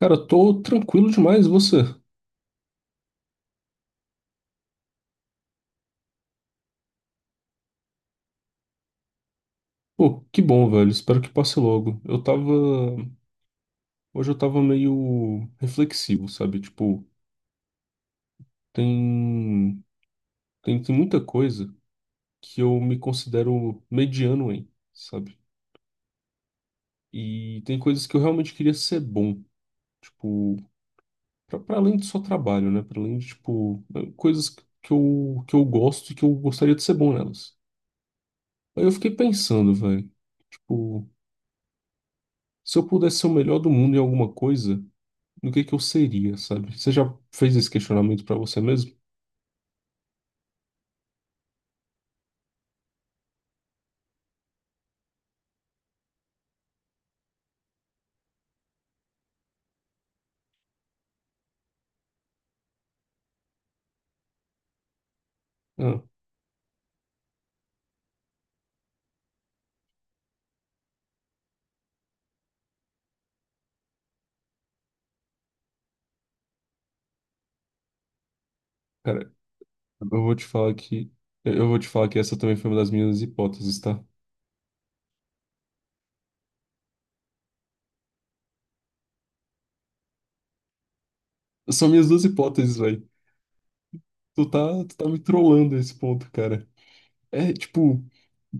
Cara, eu tô tranquilo demais, e você? Pô, que bom, velho. Espero que passe logo. Eu tava. Hoje eu tava meio reflexivo, sabe? Tipo, tem. Tem, tem muita coisa que eu me considero mediano em, sabe? E tem coisas que eu realmente queria ser bom. Tipo, pra além do só trabalho, né? Pra além de, tipo, coisas que eu gosto e que eu gostaria de ser bom nelas. Aí eu fiquei pensando, velho. Tipo, se eu pudesse ser o melhor do mundo em alguma coisa, do que é que eu seria, sabe? Você já fez esse questionamento pra você mesmo? Ah, cara, eu vou te falar que eu vou te falar que essa também foi uma das minhas hipóteses, tá? São minhas duas hipóteses, velho. Tu tá me trollando nesse ponto, cara. É, tipo,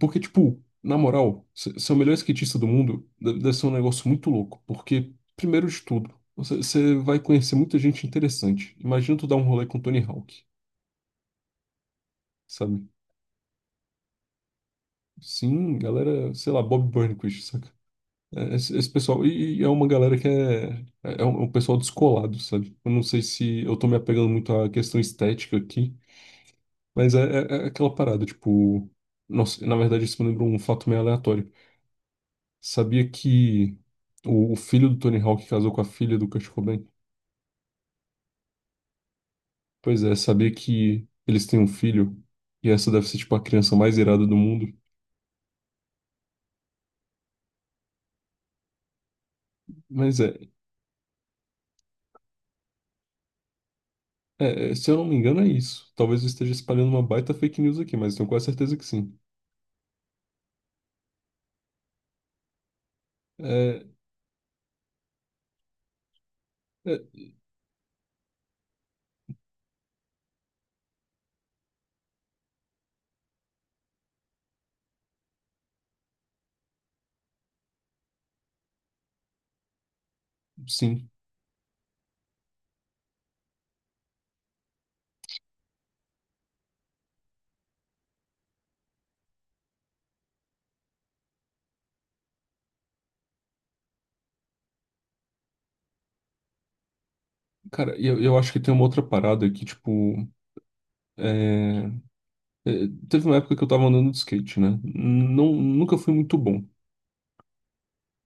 porque tipo, na moral, ser o melhor skatista do mundo deve ser um negócio muito louco, porque primeiro de tudo, você vai conhecer muita gente interessante. Imagina tu dar um rolê com Tony Hawk, sabe? Sim, galera, sei lá, Bob Burnquist, saca? É, esse pessoal, e é uma galera que é, é um pessoal descolado, sabe? Eu não sei se eu tô me apegando muito à questão estética aqui, mas é, é aquela parada, tipo, nossa, na verdade isso me lembra um fato meio aleatório. Sabia que o filho do Tony Hawk casou com a filha do Kurt Cobain? Pois é, sabia que eles têm um filho, e essa deve ser, tipo, a criança mais irada do mundo. Mas se eu não me engano é isso. Talvez eu esteja espalhando uma baita fake news aqui, mas tenho quase certeza que sim. É, é, sim. Cara, eu acho que tem uma outra parada que, tipo, é, é, teve uma época que eu tava andando de skate, né? Não, nunca fui muito bom,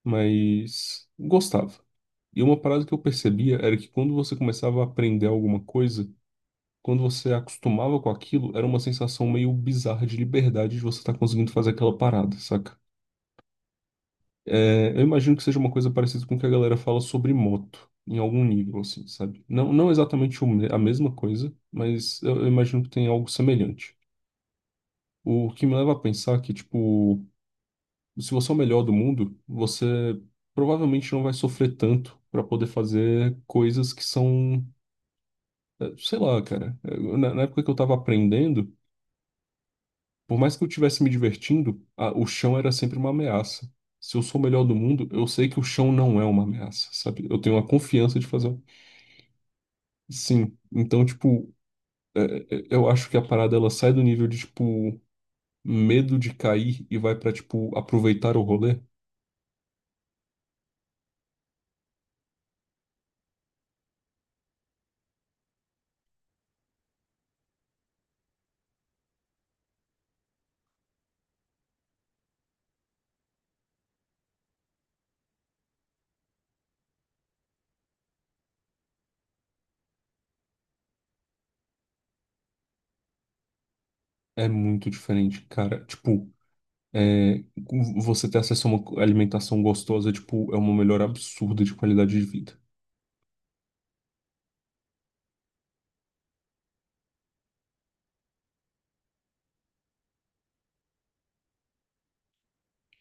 mas gostava. E uma parada que eu percebia era que quando você começava a aprender alguma coisa, quando você acostumava com aquilo, era uma sensação meio bizarra de liberdade de você estar conseguindo fazer aquela parada, saca? É, eu imagino que seja uma coisa parecida com o que a galera fala sobre moto, em algum nível, assim, sabe? Não, não exatamente a mesma coisa, mas eu imagino que tem algo semelhante. O que me leva a pensar que, tipo, se você é o melhor do mundo, você provavelmente não vai sofrer tanto para poder fazer coisas que são, sei lá, cara. Na época que eu tava aprendendo, por mais que eu estivesse me divertindo, o chão era sempre uma ameaça. Se eu sou o melhor do mundo, eu sei que o chão não é uma ameaça, sabe? Eu tenho a confiança de fazer. Um, Sim. Então, tipo, eu acho que a parada ela sai do nível de, tipo, medo de cair e vai pra, tipo, aproveitar o rolê. É muito diferente, cara. Tipo, é, você ter acesso a uma alimentação gostosa, tipo, é uma melhora absurda de qualidade de vida.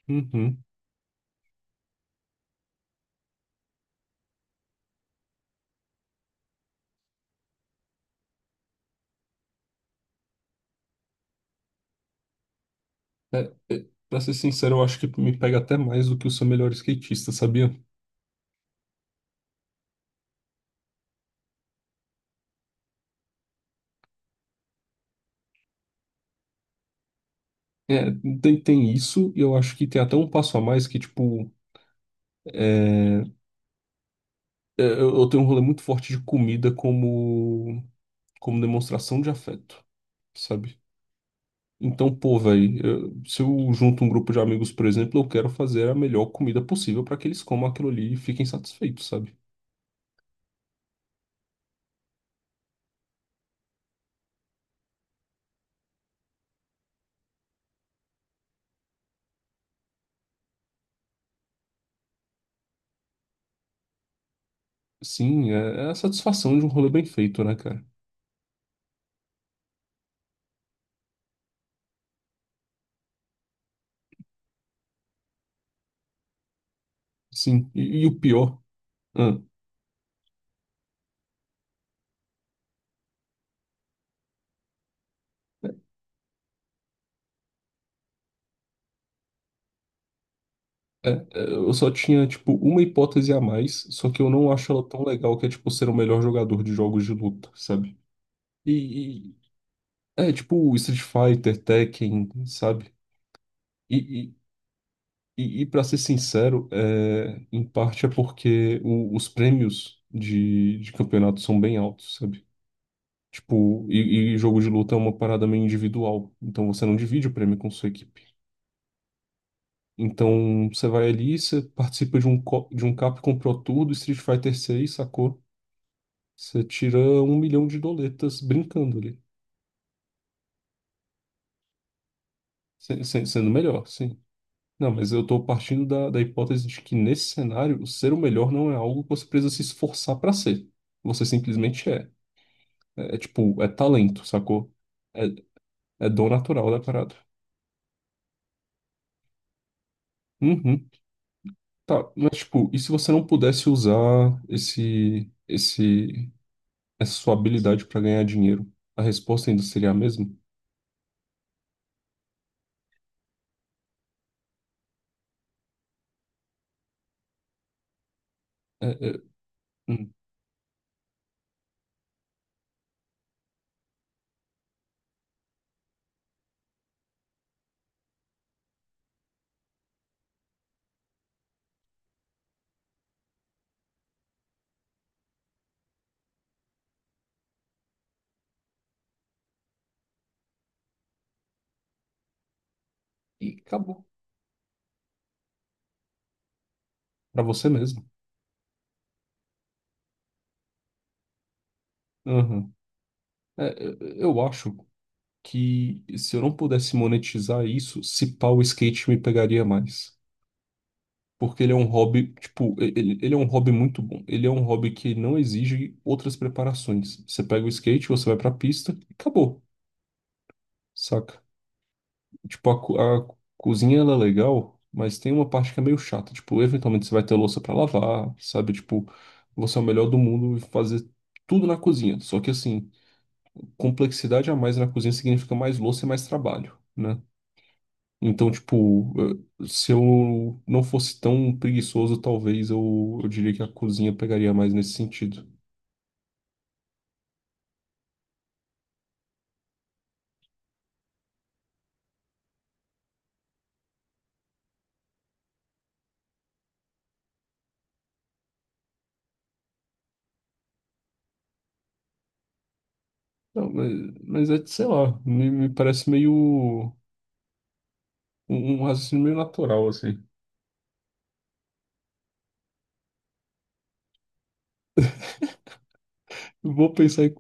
Uhum. É, pra ser sincero, eu acho que me pega até mais do que o seu melhor skatista, sabia? É, tem isso, e eu acho que tem até um passo a mais que, tipo, é, eu tenho um rolê muito forte de comida como, como demonstração de afeto, sabe? Então, pô, velho, se eu junto um grupo de amigos, por exemplo, eu quero fazer a melhor comida possível para que eles comam aquilo ali e fiquem satisfeitos, sabe? Sim, é, é a satisfação de um rolê bem feito, né, cara? Sim, e o pior, hã, é, é, eu só tinha, tipo, uma hipótese a mais, só que eu não acho ela tão legal, que é, tipo, ser o melhor jogador de jogos de luta, sabe? E, e- é, tipo, Street Fighter, Tekken, sabe? e para ser sincero, é, em parte é porque os prêmios de campeonato são bem altos, sabe? Tipo, e jogo de luta é uma parada meio individual, então você não divide o prêmio com sua equipe. Então você vai ali, você participa de um, de um Capcom Pro Tour do Street Fighter 6, sacou? Você tira um milhão de doletas brincando ali, sendo melhor. Não, mas eu estou partindo da, da hipótese de que nesse cenário, ser o melhor não é algo que você precisa se esforçar para ser. Você simplesmente é. É, é tipo, é talento, sacou? É, é dom natural da parada. Uhum. Tá, mas tipo, e se você não pudesse usar essa sua habilidade para ganhar dinheiro? A resposta ainda seria a mesma? É, é, hum. E acabou. Para você mesmo. Uhum. É, é, eu acho que se eu não pudesse monetizar isso, se pá, o skate me pegaria mais. Porque ele é um hobby, tipo, ele é um hobby muito bom. Ele é um hobby que não exige outras preparações. Você pega o skate, você vai pra pista e acabou, saca? Tipo, a cozinha ela é legal, mas tem uma parte que é meio chata. Tipo, eventualmente você vai ter louça pra lavar, sabe? Tipo, você é o melhor do mundo e fazer tudo na cozinha. Só que assim, complexidade a mais na cozinha significa mais louça e mais trabalho, né? Então, tipo, se eu não fosse tão preguiçoso, talvez eu diria que a cozinha pegaria mais nesse sentido. Não, mas é, sei lá, me parece meio um, um raciocínio meio natural, assim. Eu Vou pensar em,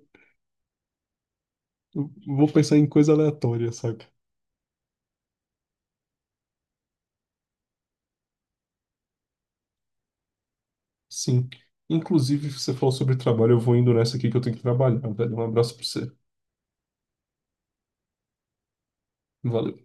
eu vou pensar em coisa aleatória, saca? Sim. Inclusive, você falou sobre trabalho, eu vou indo nessa aqui que eu tenho que trabalhar, velho. Um abraço pra você. Valeu.